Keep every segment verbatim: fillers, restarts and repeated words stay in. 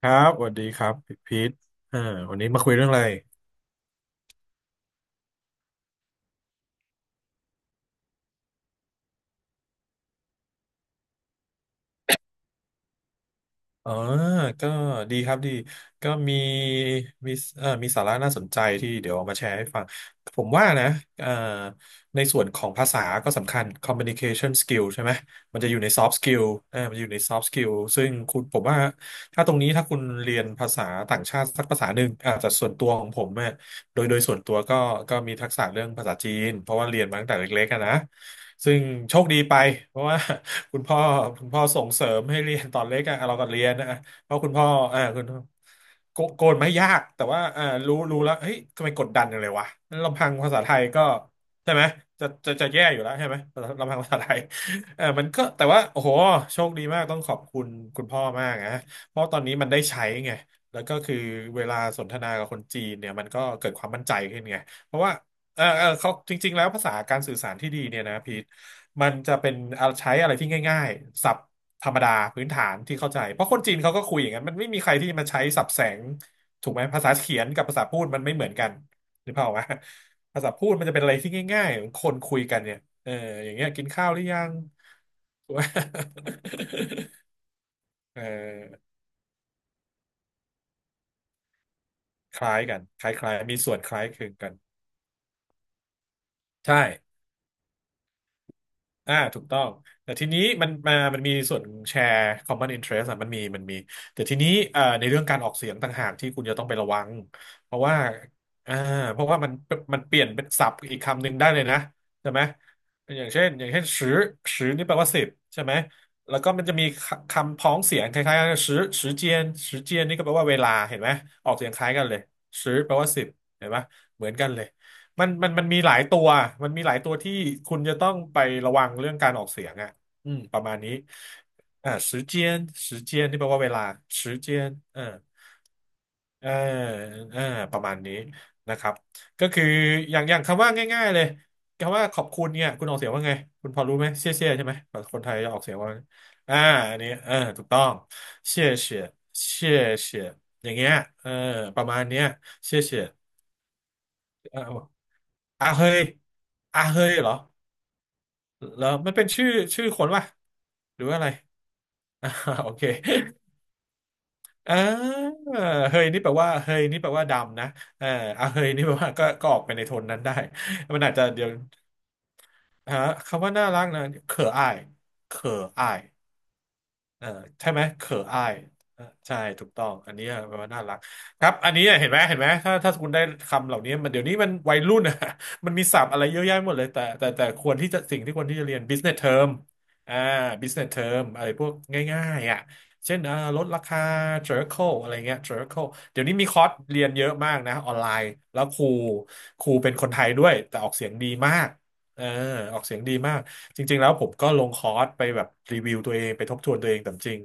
ครับสวัสดีครับพีพีทอ่าวันนี้มาคุยเรื่องอะไรอ๋อก็ดีครับดีก็มีมีเอ่อมีสาระน่าสนใจที่เดี๋ยวเอามาแชร์ให้ฟังผมว่านะเอ่อในส่วนของภาษาก็สำคัญ communication skill ใช่ไหมมันจะอยู่ใน soft skill เอ่ามันอยู่ใน soft skill ซึ่งคุณผมว่าถ้าตรงนี้ถ้าคุณเรียนภาษาต่างชาติสักภาษาหนึ่งอาจจะส่วนตัวของผมเนี่ยโดยโดยส่วนตัวก็ก็มีทักษะเรื่องภาษาจีนเพราะว่าเรียนมาตั้งแต่เล็กๆอะนะ ซึ่งโชคดีไปเพราะว่า คุณพ่อคุณพ่อส่งเสริมให้เรียนตอนเล็กอะเราก็เรียนนะเพราะคุณพ่ออ่าคุณโกโกนไม่ยากแต่ว่าอ่ารู้รู้แล้วเฮ้ยทำไมกดดันอย่างเลยวะลำพังภาษาไทยก็ใช่ไหมจะจะจะแย่อยู่แล้วใช่ไหมลำพังภาษาไทย เออมันก็แต่ว่าโอ้โหโชคดีมากต้องขอบคุณคุณพ่อมากนะเพราะตอนนี้มันได้ใช้ไงแล้วก็คือเวลาสนทนากับคนจีนเนี่ยมันก็เกิดความมั่นใจขึ้นไงเพราะว่า เออเออเขาจริงๆแล้วภาษาการสื่อสารที่ดีเนี่ยนะพีทมันจะเป็นเอาใช้อะไรที่ง่ายๆศัพท์ธรรมดาพื้นฐานที่เข้าใจเพราะคนจีนเขาก็คุยอย่างนั้นมันไม่มีใครที่มันใช้ศัพท์แสงถูกไหมภาษาเขียนกับภาษาพูดมันไม่เหมือนกันหรือเปล่าวะภาษาพูดมันจะเป็นอะไรที่ง่ายๆคนคุยกันเนี่ยเอออย่างเงี้ยกินข้าวหรือยังถูกไหม เออคล้ายกันคล้ายๆมีส่วนคล้ายคลึงกันใช่ อ่าถูกต้องแต่ทีนี้มันมามันมีส่วนแชร์ common interest อ่ะมันมีมันมีแต่ทีนี้เอ่อในเรื่องการออกเสียงต่างหากที่คุณจะต้องไประวังเพราะว่าอ่าเพราะว่ามันมันเปลี่ยนเป็นศัพท์อีกคำหนึ่งได้เลยนะใช่ไหมอย่างเช่นอย่างเช่นสือสือนี่แปลว่าสิบใช่ไหมแล้วก็มันจะมีคคำพ้องเสียงคล้ายๆกันสือสือเจียนสือเจียนนี่ก็แปลว่าเวลาเห็นไหมออกเสียงคล้ายกันเลยสือแปลว่าสิบเห็นไหมเหมือนกันเลย มันมันมันมีหลายตัวมันมีหลายตัวที่คุณจะต้องไประวังเรื่องการออกเสียงอ่ะอืมประมาณนี้อ่า时间时间ที่แปลว่าเวลา时间เออเออเออประมาณนี้นะครับก็คืออย่างอย่างคำว่าง่ายๆเลยคำว่าขอบคุณเนี่ยคุณออกเสียงว่าไงคุณพอรู้ไหมเชี่ยเชี่ยใช่ไหมคนไทยออกเสียงว่าไงอ่าอันนี้เออถูกต้องเชี่ยเชี่ยเชี่ยเชี่ยอย่างเงี้ยเออประมาณเนี้ยเชี่ยเชี่ย อาเฮยอาเฮยเหรอแล้วมันเป็นชื่อชื่อคนว่ะหรือว่าอะไรอ่า โอเคอ่าเฮยนี่แปลว่าเฮยนี่แปลว่าดำนะเอ่าอาเฮยนี่แปลว่าก็ก็ออกไปในโทนนั้นได้ มันอาจจะเดี๋ยวฮะคำว่าน่ารักนะ เขออายเขออาย เออใช่ไหมเขออายเออใช่ถูกต้องอันนี้แปลว่าน่ารักครับอันนี้เห็นไหมเห็นไหมถ้าถ้าคุณได้คำเหล่านี้มันเดี๋ยวนี้มันวัยรุ่นอะ มันมีศัพท์อะไรเยอะแยะหมดเลยแต่แต่แต่ควรที่จะสิ่งที่ควรที่จะเรียน business term อ่า business term อะไรพวกง่ายๆอ่ะเช่นอ่าลดราคา circle อะไรเงี้ย circle เดี๋ยวนี้มีคอร์สเรียนเยอะมากนะออนไลน์แล้วครูครูเป็นคนไทยด้วยแต่ออกเสียงดีมากเออออกเสียงดีมาก จริงๆแล้วผมก็ลงคอร์สไปแบบรีวิวตัวเองไปทบทวนตัวเองแต่จริง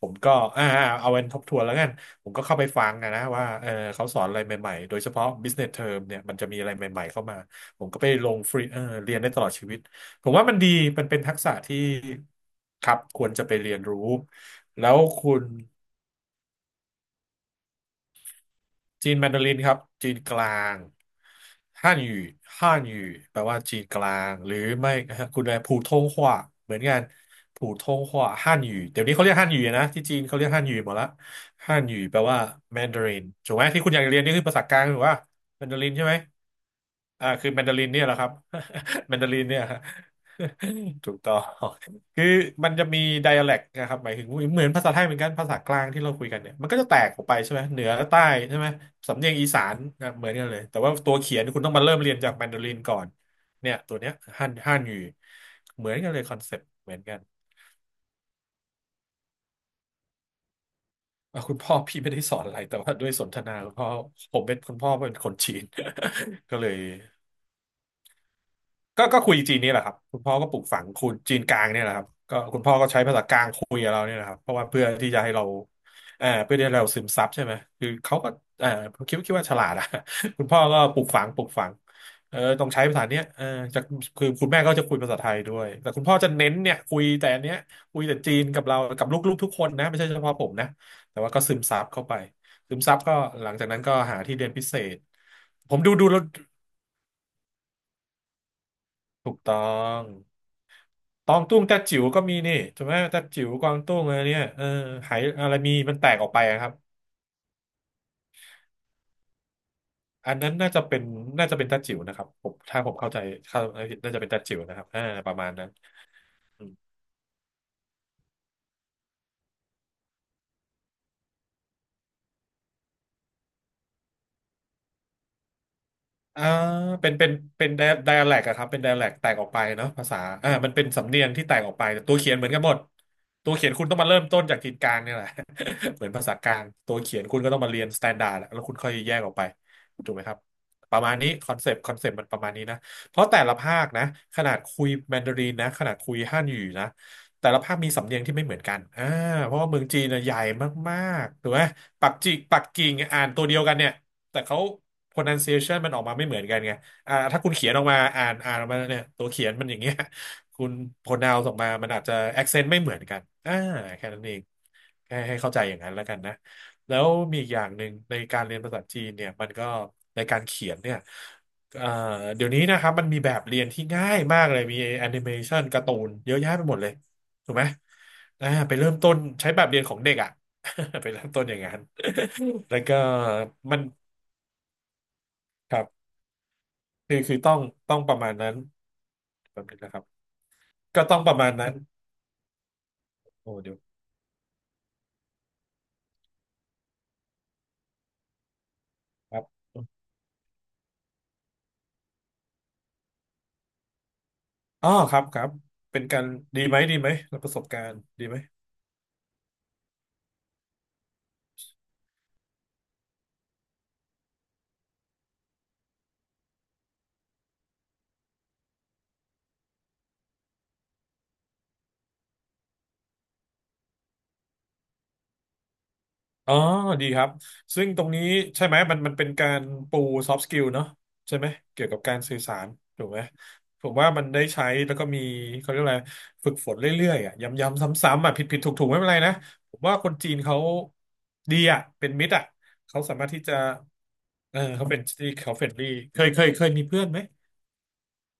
ผมก็อ่าเอาเป็นทบทวนแล้วกันผมก็เข้าไปฟังอะนะว่าเออเขาสอนอะไรใหม่ๆโดยเฉพาะ business term เนี่ยมันจะมีอะไรใหม่ๆเข้ามาผมก็ไปลงฟรีเออเรียนได้ตลอดชีวิตผมว่ามันดีมันเป็นทักษะที่ครับควรจะไปเรียนรู้แล้วคุณ จีนแมนดารินครับจีนกลางฮั่นอยู่ฮั่นอยู่แปลว่าจีนกลางหรือไม่คุณอะไรผู่ทงฮวาเหมือนกันผู่ทงฮวาฮั่นอยู่เดี๋ยวนี้เขาเรียกฮั่นอยู่นะที่จีนเขาเรียกฮั่นอยู่หมดละฮั่นอยู่แปลว่าแมนดารินถูกไหมที่คุณอยากเรียนนี่คือภาษากลางหรือว่าแมนดารินใช่ไหมอ่าคือแมนดารินเนี่ยแหละครับ แมนดารินเนี่ยฮะ ถูกต้อง คือมันจะมี dialect นะครับหมายถึงเหมือนภาษาไทยเหมือนกันภาษากลางที่เราคุยกันเนี่ยมันก็จะแตกออกไปใช่ไหมเหนือใต้ใช่ไหมสำเนียงอีสานนะเหมือนกันเลยแต่ว่าตัวเขียนคุณต้องมาเริ่มเรียนจากแมนดารินก่อนเนี่ยตัวเนี้ยฮั่นฮั่นอยู่เหมือนกันเลยคอนเซ็ปต์เหมือนกันอ่ะคุณพ่อพี่ไม่ได้สอนอะไรแต่ว่าด้วยสนทนาคุณพ่อผมเป็นคุณพ่อเป็นคนจีน ก็เลย ก็ก็คุยจีนนี่แหละครับคุณพ่อก็ปลูกฝังคุณจีนกลางเนี่ยแหละครับก็คุณพ่อก็ใช้ภาษากลางคุยกับเราเนี่ยแหละครับเพราะว่าเพื่อที่จะให้เราเอ่อเพื่อที่ให้เราซึมซับใช่ไหมคือเขาก็เอ่อคิดว่าคิดว่าฉลาดอ่ะ คุณพ่อก็ปลูกฝังปลูกฝังเออต้องใช้ภาษาเนี้ยเออจะคือคุณแม่ก็จะคุยภาษาไทยด้วยแต่คุณพ่อจะเน้นเนี่ยคุยแต่อันเนี้ยคุยแต่จีนกับเรากับลูกๆทุกคนนะไม่ใช่เฉพาะผมนะแต่ว่าก็ซึมซับเข้าไปซึมซับก็หลังจากนั้นก็หาที่เรียนพิเศษผมดูดูแล้วถูกต้อง ตองตุ้งแต่จิ๋วก็มีนี่ถูกไหมแตัจิ๋วกวางตุ้งอะไรเนี่ยเออหายอะไรมีมันแตกออกไปอะครับอันนั้นน่าจะเป็นน่าจะเป็นแต่จิ๋วนะครับผมถ้าผมเข้าใจเข้าน่าจะเป็นแต่จิ๋วนะครับอ่าประมาณนั้น อ่าเป็นเป็นเป็นไดอะแลกอะครับเป็นไดอะแลกแตกออกไปเนาะภาษาอ่ามันเป็นสำเนียงที่แตกออกไปแต่ตัวเขียนเหมือนกันหมดตัวเขียนคุณต้องมาเริ่มต้นจากถิ่นกลางเนี่ยแหละ เหมือนภาษากลางตัวเขียนคุณก็ต้องมาเรียนสแตนดาร์ดแล้วคุณค่อยแยกออกไปถูกไหมครับประมาณนี้คอนเซปต์คอนเซปต์มันประมาณนี้นะเพราะแต่ละภาคนะขนาดคุยแมนดารินนะขนาดคุยฮั่นอยู่นะแต่ละภาคมีสำเนียงที่ไม่เหมือนกันอ่าเพราะว่าเมืองจีนนะใหญ่มากๆถูกไหมปักจิปักกิ่งอ่านตัวเดียวกันเนี่ย แต่เขา pronunciation มันออกมาไม่เหมือนกันไงอ่าถ้าคุณเขียนออกมาอ่านอ่านออกมาเนี่ยตัวเขียนมันอย่างเงี้ย คุณ pronounce ออกมามันอาจจะ accent ไม่เหมือนกันอ่าแค่นั้นเองแค่ให้เข้าใจอย่างนั้นแล้วกันนะแล้วมีอีกอย่างหนึ่งในการเรียนภาษาจีนเนี่ยมันก็ในการเขียนเนี่ยเอ่อเดี๋ยวนี้นะครับมันมีแบบเรียนที่ง่ายมากเลยมีแอนิเมชันการ์ตูนเยอะแยะไปหมดเลยถูกไหมอ่าไปเริ่มต้นใช้แบบเรียนของเด็กอ่ะ ไปเริ่มต้นอย่างนั้นแล้วก็มันครับ คือคือต้องต้องประมาณนั้นแบบนี้นะครับก็ต้องประมาณนั้นโอ้เดี๋ยวครับอ๋อครับครับเป็นการดีไหมดีไหมแล้วประสบการณ์ดีไหม อ๋อดีครับ ซึ่งตรงนี้ใช่ไหมมันมันเป็นการปู soft skill เนอะใช่ไหม เกี่ยวกับการสื่อสารถูกไหม ผมว่ามันได้ใช้แล้วก็มีเขาเรียกอะไรฝึกฝนเรื่อยๆอ่ะย้ำๆซ้ำๆอ่ะผิดผิดถูกถูกๆไม่เป็นไรนะ ผมว่าคนจีนเขาดีอ่ะเป็นมิตรอ่ะเขาสามารถที่จะเออเขาเป็นที่เขาเฟรนลี่เคยเคยเคยมีเพื่อนไหม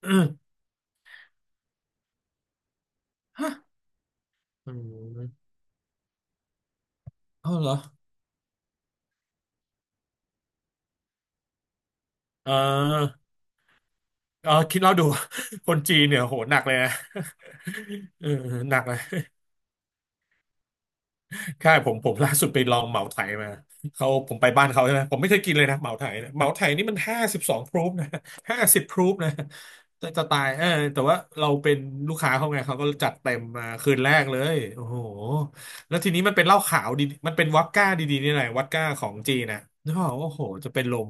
อืม ฮะอืมเอาเหรอเออเออ คิดเล่าดู คนจีนเนี่ยโหหนักเลยนะ เออหนักเลย ใช่ผมผม ล่าสุดไปลองเหมาไถมาเขาผมไปบ้านเขาใช่ไหมผมไม่เคยกินเลยนะเหมาไถนะเหมาไถนี่มันห้าสิบสองพรูฟนะห้าสิบพรูฟนะจะจะตายเออแต่ว่าเราเป็นลูกค้าเขาไงเขาก็จัดเต็มมาคืนแรกเลยโอ้โหแล้วทีนี้มันเป็นเหล้าขาวดีมันเป็นวอดก้าดีๆนี่แหละวอดก้าของจีนนะนึกออกโอ้โหจะเป็นลม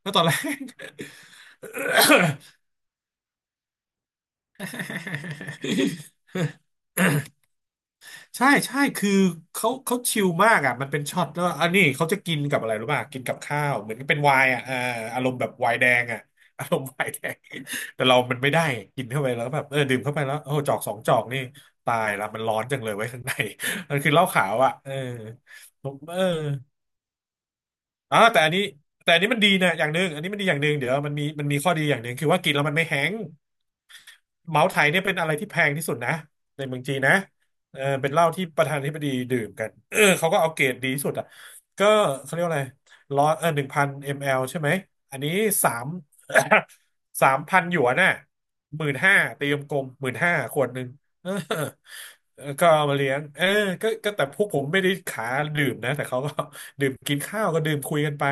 แล้วตอนแรก ใช่ใช่คือเขาเขาชิลมากอ่ะมันเป็นช็อตแล้วอันนี้เขาจะกินกับอะไรรู้ป่ะกินกับข้าวเหมือนเป็นไวน์อ่ะเอออารมณ์แบบไวน์แดงอ่ะ อารมณ์ไวน์แดงแต่เรามันไม่ได้กินเข้าไปแล้วแบบเออดื่มเข้าไปแล้วโอ้โหจอกสองจอกนี่ตายละมันร้อนจังเลยไว้ยข้างใน มันคือเหล้าขาวอ่ะเออผมเอออ่าแต่อันนี้แต่อันนี้มันดีนะอย่างหนึ่งอันนี้มันดีอย่างหนึ่งเดี๋ยวมันมีมันมีข้อดีอย่างหนึ่งคือว่ากินแล้วมันไม่แห้ง เมาส์ไถเนี่ยเป็นอะไรที่แพงที่สุดนะในเมืองจีนนะเออเป็นเหล้าที่ประธานาธิบดีดื่มกันเออเขาก็เอาเกรดดีที่สุดอ่ะก็เขาเรียกว่าอะไรร้อยเออหนึ่งพันมลใช่ไหมอันนี้สาม สามพันหยวนน่ะหมื่นห้าตีกลมหมื่นห้าขวดหนึ่งเออเออก็เอามาเลี้ยงเออก็ก็แต่พวกผมไม่ได้ขาดื่มนะแต่เขาก็ ดื่มกินข้าวก็ดื่มคุยกันไป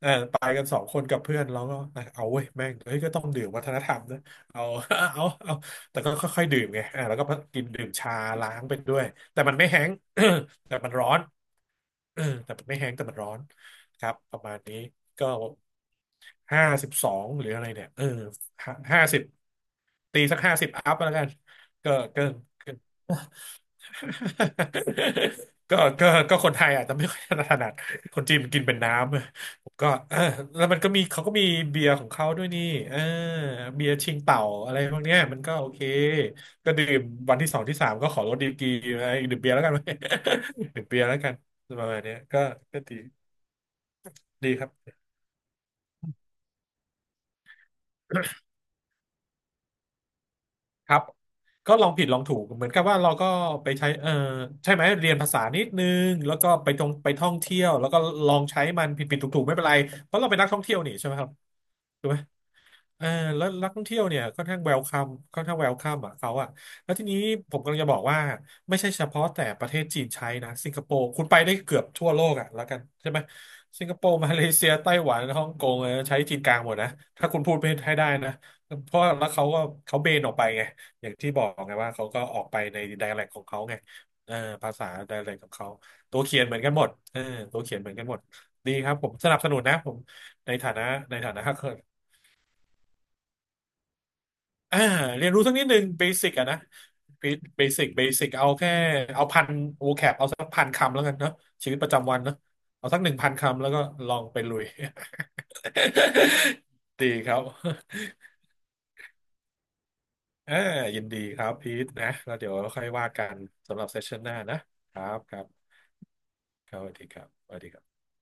เออไปกันสองคนกับเพื่อนเราก็นะเอาเว้ยแม่งเฮ้ยก็ต้องดื่มวัฒนธรรมนะ เอา เอาเอา แต่ก็ค่อยๆดื่มไงอ่าแล้วก็กินดื่มชาล้างไปด้วย แต่มันไม่แห้ง แต่มันร้อน เออแต่มันไม่แห้งแต่มันร้อนครับ ประมาณนี้ก็ห้าสิบสองหรืออะไรเนี่ยเออห้าสิบตีสักห้าสิบอัพแล้วกันก็ก็ก็ ก็ก็ก็คนไทยอาจจะไม่ค่อยถนัดคนจีนมันกินเป็นน้ำผมก็เออแล้วมันก็มีเขาก็มีเบียร์ของเขาด้วยนี่เออเบียร์ชิงเต่าอะไรพวกเนี้ยมันก็โอเคก็ดื่มวันที่สองที่สามก็ขอลดดีกรีไอ้ดื่มเบียร์แล้วกัน ดื่มเบียร์แล้วกันประมาณเนี้ยก็ก็ดีดีครับ ครับก็ลองผิดลองถูกเหมือนกับว่าเราก็ไปใช้เออใช่ไหมเรียนภาษานิดนึงแล้วก็ไปท่องไปท่องเที่ยวแล้วก็ลองใช้มันผิดผิดถูกถูกๆไม่เป็นไรเพราะเราเป็นนักท่องเที่ยวนี่ใช่ไหมครับถูกไหม เออแล้วนักท่องเที่ยวเนี่ยค่อนข้างเวลคัมค่อนข้างเวลคัมอ่ะเขาอ่ะแล้วทีนี้ผมกำลังจะบอกว่าไม่ใช่เฉพาะแต่ประเทศจีนใช้นะสิงคโปร์คุณไปได้เกือบทั่วโลกอ่ะแล้วกันใช่ไหมสิงคโปร์ มาเลเซียไต้หวันฮ่องกงเออใช้จีนกลางหมดนะถ้าคุณพูดไปให้ได้นะเพราะแล้วเขาก็เขาเบนออกไปไงอย่างที่บอกไงว่าเขาก็ออกไปในไดแลกของเขาไงเออภาษาดแลกของเขาตัวเขียนเหมือนกันหมดเออตัวเขียนเหมือนกันหมดดีครับผมสนับสนุนนะผมในฐานะในฐานะ อ่าเรียนรู้สักนิดหนึ่งเบสิกอะนะเบสิกเบสิกเอาแค่เอาพันโอแคปเอาสักพันคำแล้วกันเนาะชีวิตประจำวันเนาะเอาสักหนึ่งพันคำแล้วก็ลองไปลุย ดีครับ อ่ายินดีครับพีทนะแล้วเดี๋ยวค่อยว่ากันสำหรับเซสชันหน้านะครับครับครับสวัสดีครับสวัสดีครับ